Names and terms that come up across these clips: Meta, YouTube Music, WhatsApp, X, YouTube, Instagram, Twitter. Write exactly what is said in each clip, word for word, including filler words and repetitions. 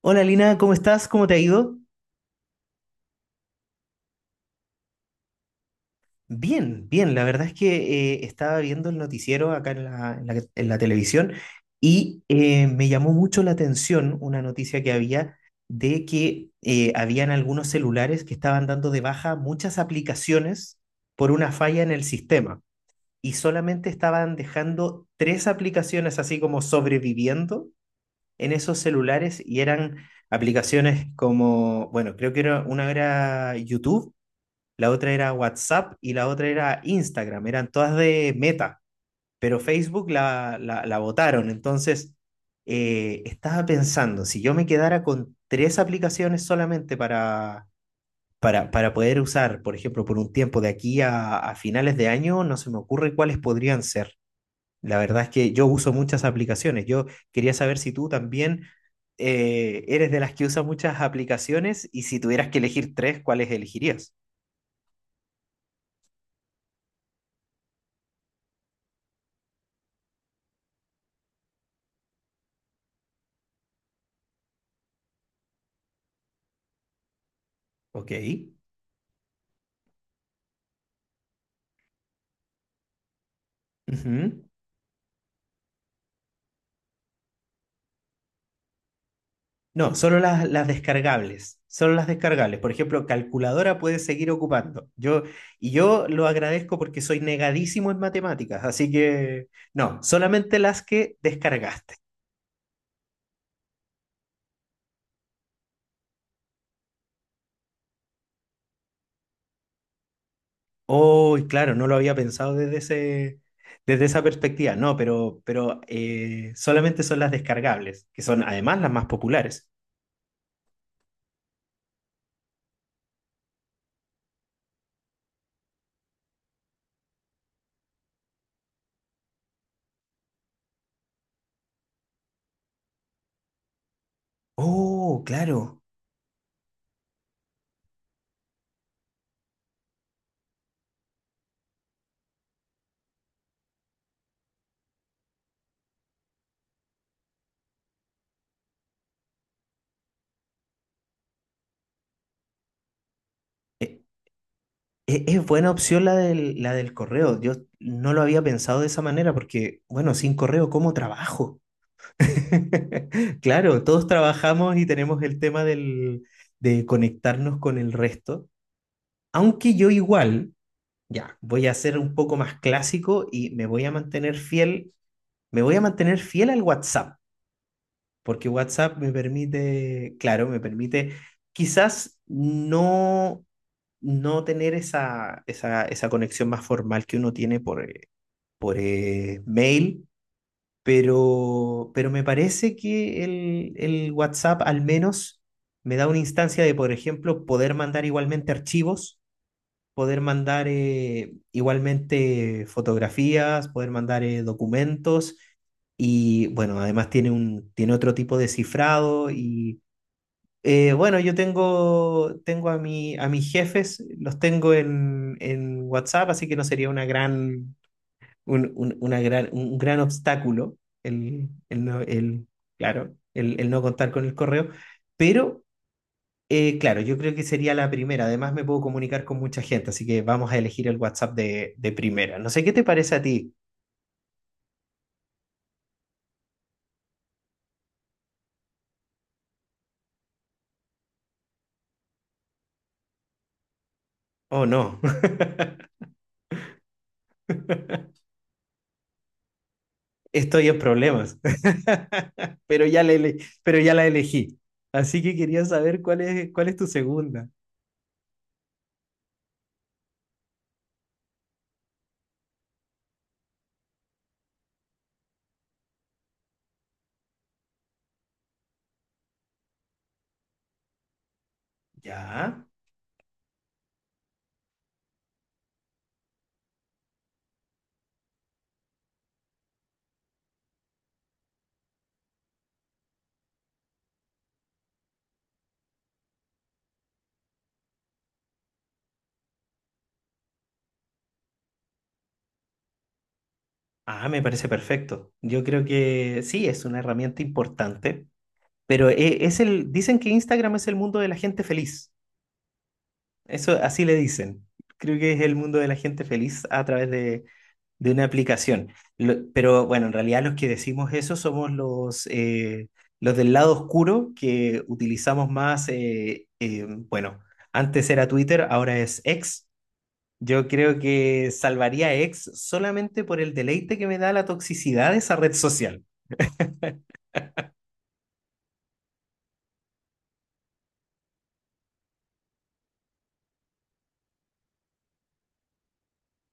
Hola Lina, ¿cómo estás? ¿Cómo te ha ido? Bien, bien. La verdad es que eh, estaba viendo el noticiero acá en la, en la- en la televisión y eh, me llamó mucho la atención una noticia que había de que eh, habían algunos celulares que estaban dando de baja muchas aplicaciones por una falla en el sistema y solamente estaban dejando tres aplicaciones así como sobreviviendo en esos celulares y eran aplicaciones como, bueno, creo que era, una era YouTube, la otra era WhatsApp y la otra era Instagram, eran todas de Meta, pero Facebook la, la, la votaron. Entonces, eh, estaba pensando, si yo me quedara con tres aplicaciones solamente para, para, para poder usar, por ejemplo, por un tiempo de aquí a, a finales de año, no se me ocurre cuáles podrían ser. La verdad es que yo uso muchas aplicaciones. Yo quería saber si tú también eh, eres de las que usa muchas aplicaciones y si tuvieras que elegir tres, ¿cuáles elegirías? Ok. Ujú. No, solo las, las descargables, solo las descargables. Por ejemplo, calculadora puede seguir ocupando. Yo, y yo lo agradezco porque soy negadísimo en matemáticas, así que no, solamente las que descargaste. Oh, y claro, no lo había pensado desde ese, desde esa perspectiva, no, pero, pero eh, solamente son las descargables, que son además las más populares. Oh, claro. Eh, E- Es buena opción la del, la del correo. Yo no lo había pensado de esa manera porque, bueno, sin correo, ¿cómo trabajo? Claro, todos trabajamos y tenemos el tema del, de conectarnos con el resto. Aunque yo igual, ya, voy a ser un poco más clásico y me voy a mantener fiel, me voy a mantener fiel al WhatsApp porque WhatsApp me permite, claro, me permite quizás no, no tener esa, esa, esa conexión más formal que uno tiene por, eh, por eh, mail, pero, pero me parece que el, el WhatsApp al menos me da una instancia de, por ejemplo, poder mandar igualmente archivos, poder mandar eh, igualmente fotografías, poder mandar eh, documentos y bueno, además tiene un, tiene otro tipo de cifrado y eh, bueno, yo tengo, tengo a mi, a mis jefes, los tengo en, en WhatsApp, así que no sería una gran, un, un- una gran, un gran obstáculo el, el no, el, claro, el, el no contar con el correo, pero eh, claro, yo creo que sería la primera. Además, me puedo comunicar con mucha gente, así que vamos a elegir el WhatsApp de, de primera. No sé qué te parece a ti. Oh, no, estoy en problemas. Pero ya, le, ele- pero ya la elegí. Así que quería saber cuál es, cuál es tu segunda. Ya. Ah, me parece perfecto. Yo creo que sí, es una herramienta importante, pero e- es el, dicen que Instagram es el mundo de la gente feliz. Eso así le dicen. Creo que es el mundo de la gente feliz a través de de una aplicación. Lo- pero bueno, en realidad los que decimos eso somos los, eh, los del lado oscuro que utilizamos más, eh, eh, bueno, antes era Twitter, ahora es X. Yo creo que salvaría a X solamente por el deleite que me da la toxicidad de esa red social.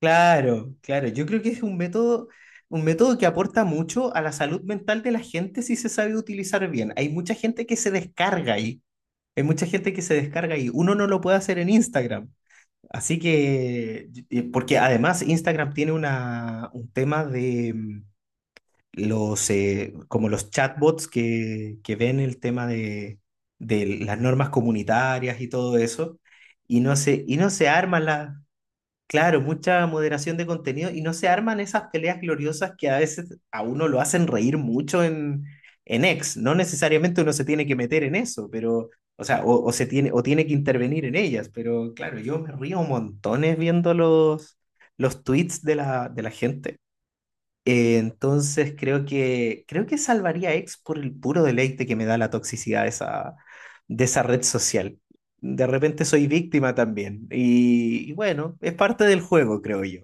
Claro, claro, yo creo que es un método, un método que aporta mucho a la salud mental de la gente si se sabe utilizar bien. Hay mucha gente que se descarga ahí. Hay mucha gente que se descarga ahí uno no lo puede hacer en Instagram. Así que, y- porque además Instagram tiene una, un tema de mm, los, eh, como los chatbots que, que ven el tema de, de las normas comunitarias y todo eso, y no se, y no se arma la- claro, mucha moderación de contenido y no se arman esas peleas gloriosas que a veces a uno lo hacen reír mucho en, en X. No necesariamente uno se tiene que meter en eso, pero, o sea, o, o se tiene, o tiene que intervenir en ellas, pero claro, yo me río montones viendo los, los tweets de la, de la gente. Eh, entonces creo que, creo que salvaría a X por el puro deleite que me da la toxicidad de esa, de esa red social. De repente soy víctima también. Y, y bueno, es parte del juego, creo yo.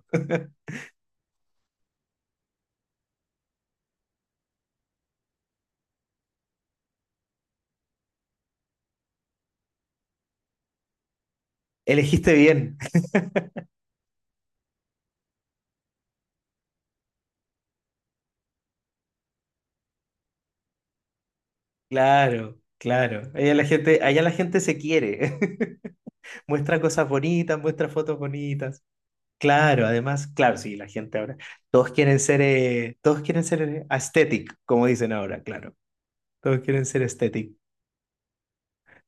Elegiste bien. Claro, claro. Allá la gente, allá la gente se quiere. Muestra cosas bonitas, muestra fotos bonitas. Claro, además, claro, sí, la gente ahora. Todos quieren ser, eh, todos quieren ser eh, aesthetic, como dicen ahora, claro. Todos quieren ser aesthetic.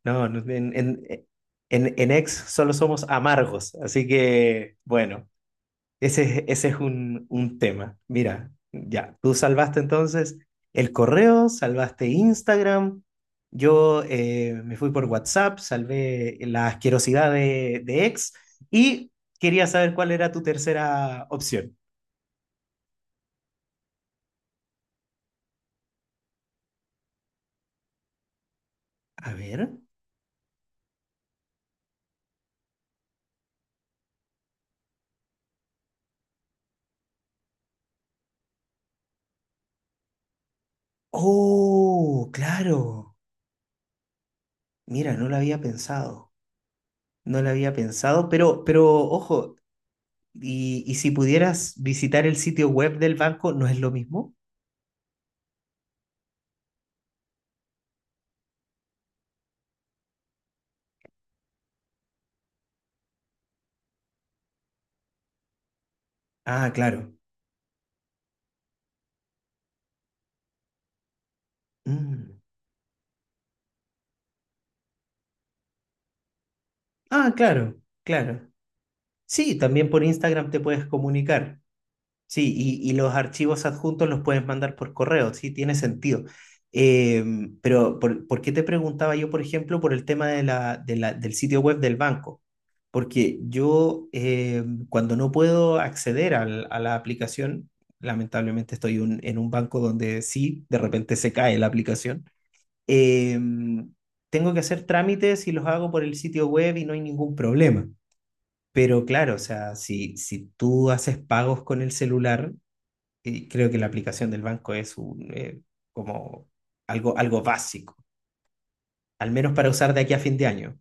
No, no, en, en, eh, en, en Ex solo somos amargos, así que bueno, ese, es- ese es un, un tema. Mira, ya, tú salvaste entonces el correo, salvaste Instagram, yo eh, me fui por WhatsApp, salvé la asquerosidad de, de Ex y quería saber cuál era tu tercera opción. A ver. Oh, claro. Mira, no lo había pensado. No lo había pensado, pero, pero ojo, Y, y si pudieras visitar el sitio web del banco, ¿no es lo mismo? Ah, claro. Mm. Ah, claro, claro. Sí, también por Instagram te puedes comunicar. Sí, y, y los archivos adjuntos los puedes mandar por correo, sí, tiene sentido. Em, pero, por, ¿por qué te preguntaba yo, por ejemplo, por el tema de la, de la- del sitio web del banco? Porque yo, em, cuando no puedo acceder al- a la aplicación, lamentablemente estoy un- en un banco donde sí, de repente se cae la aplicación, em, tengo que hacer trámites y los hago por el sitio web y no hay ningún problema. Pero claro, o sea, si, si tú haces pagos con el celular, y creo que la aplicación del banco es un, eh, como algo, algo básico, al menos para usar de aquí a fin de año.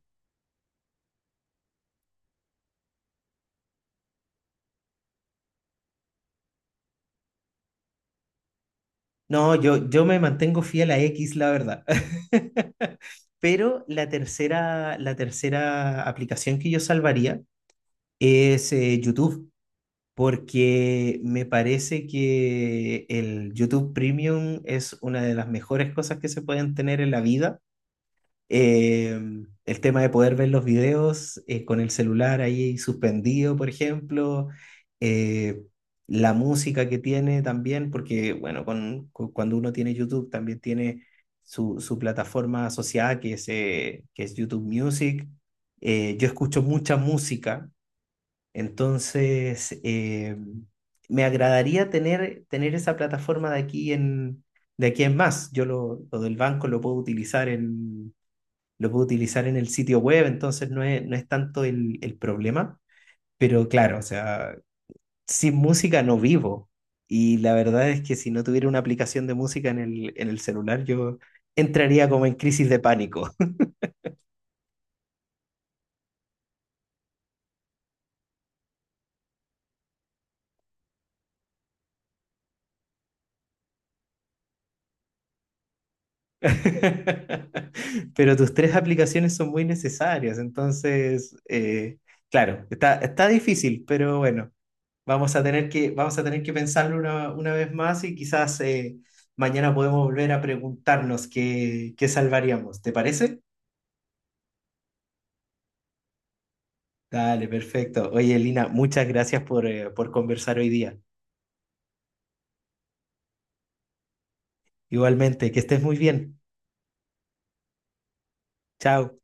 No, yo, yo me mantengo fiel a X, la verdad. Pero la tercera, la tercera aplicación que yo salvaría es eh, YouTube, porque me parece que el YouTube Premium es una de las mejores cosas que se pueden tener en la vida. Eh, el tema de poder ver los videos eh, con el celular ahí suspendido, por ejemplo. Eh, la música que tiene también, porque bueno, con, cu- cuando uno tiene YouTube también tiene su, su plataforma asociada que es, eh, que es YouTube Music. Eh, yo escucho mucha música, entonces eh, me agradaría tener, tener esa plataforma de aquí en, de aquí en más. Yo lo, lo del banco lo puedo utilizar en lo puedo utilizar en el sitio web, entonces no es, no es tanto el, el problema. Pero claro, o sea, sin música no vivo. Y la verdad es que si no tuviera una aplicación de música en el, en el celular, yo entraría como en crisis de pánico. Pero tus tres aplicaciones son muy necesarias, entonces, eh, claro, está, está difícil, pero bueno. Vamos a tener que, vamos a tener que pensarlo una, una vez más y quizás eh, mañana podemos volver a preguntarnos qué, qué salvaríamos. ¿Te parece? Dale, perfecto. Oye, Lina, muchas gracias por, eh, por conversar hoy día. Igualmente, que estés muy bien. Chao.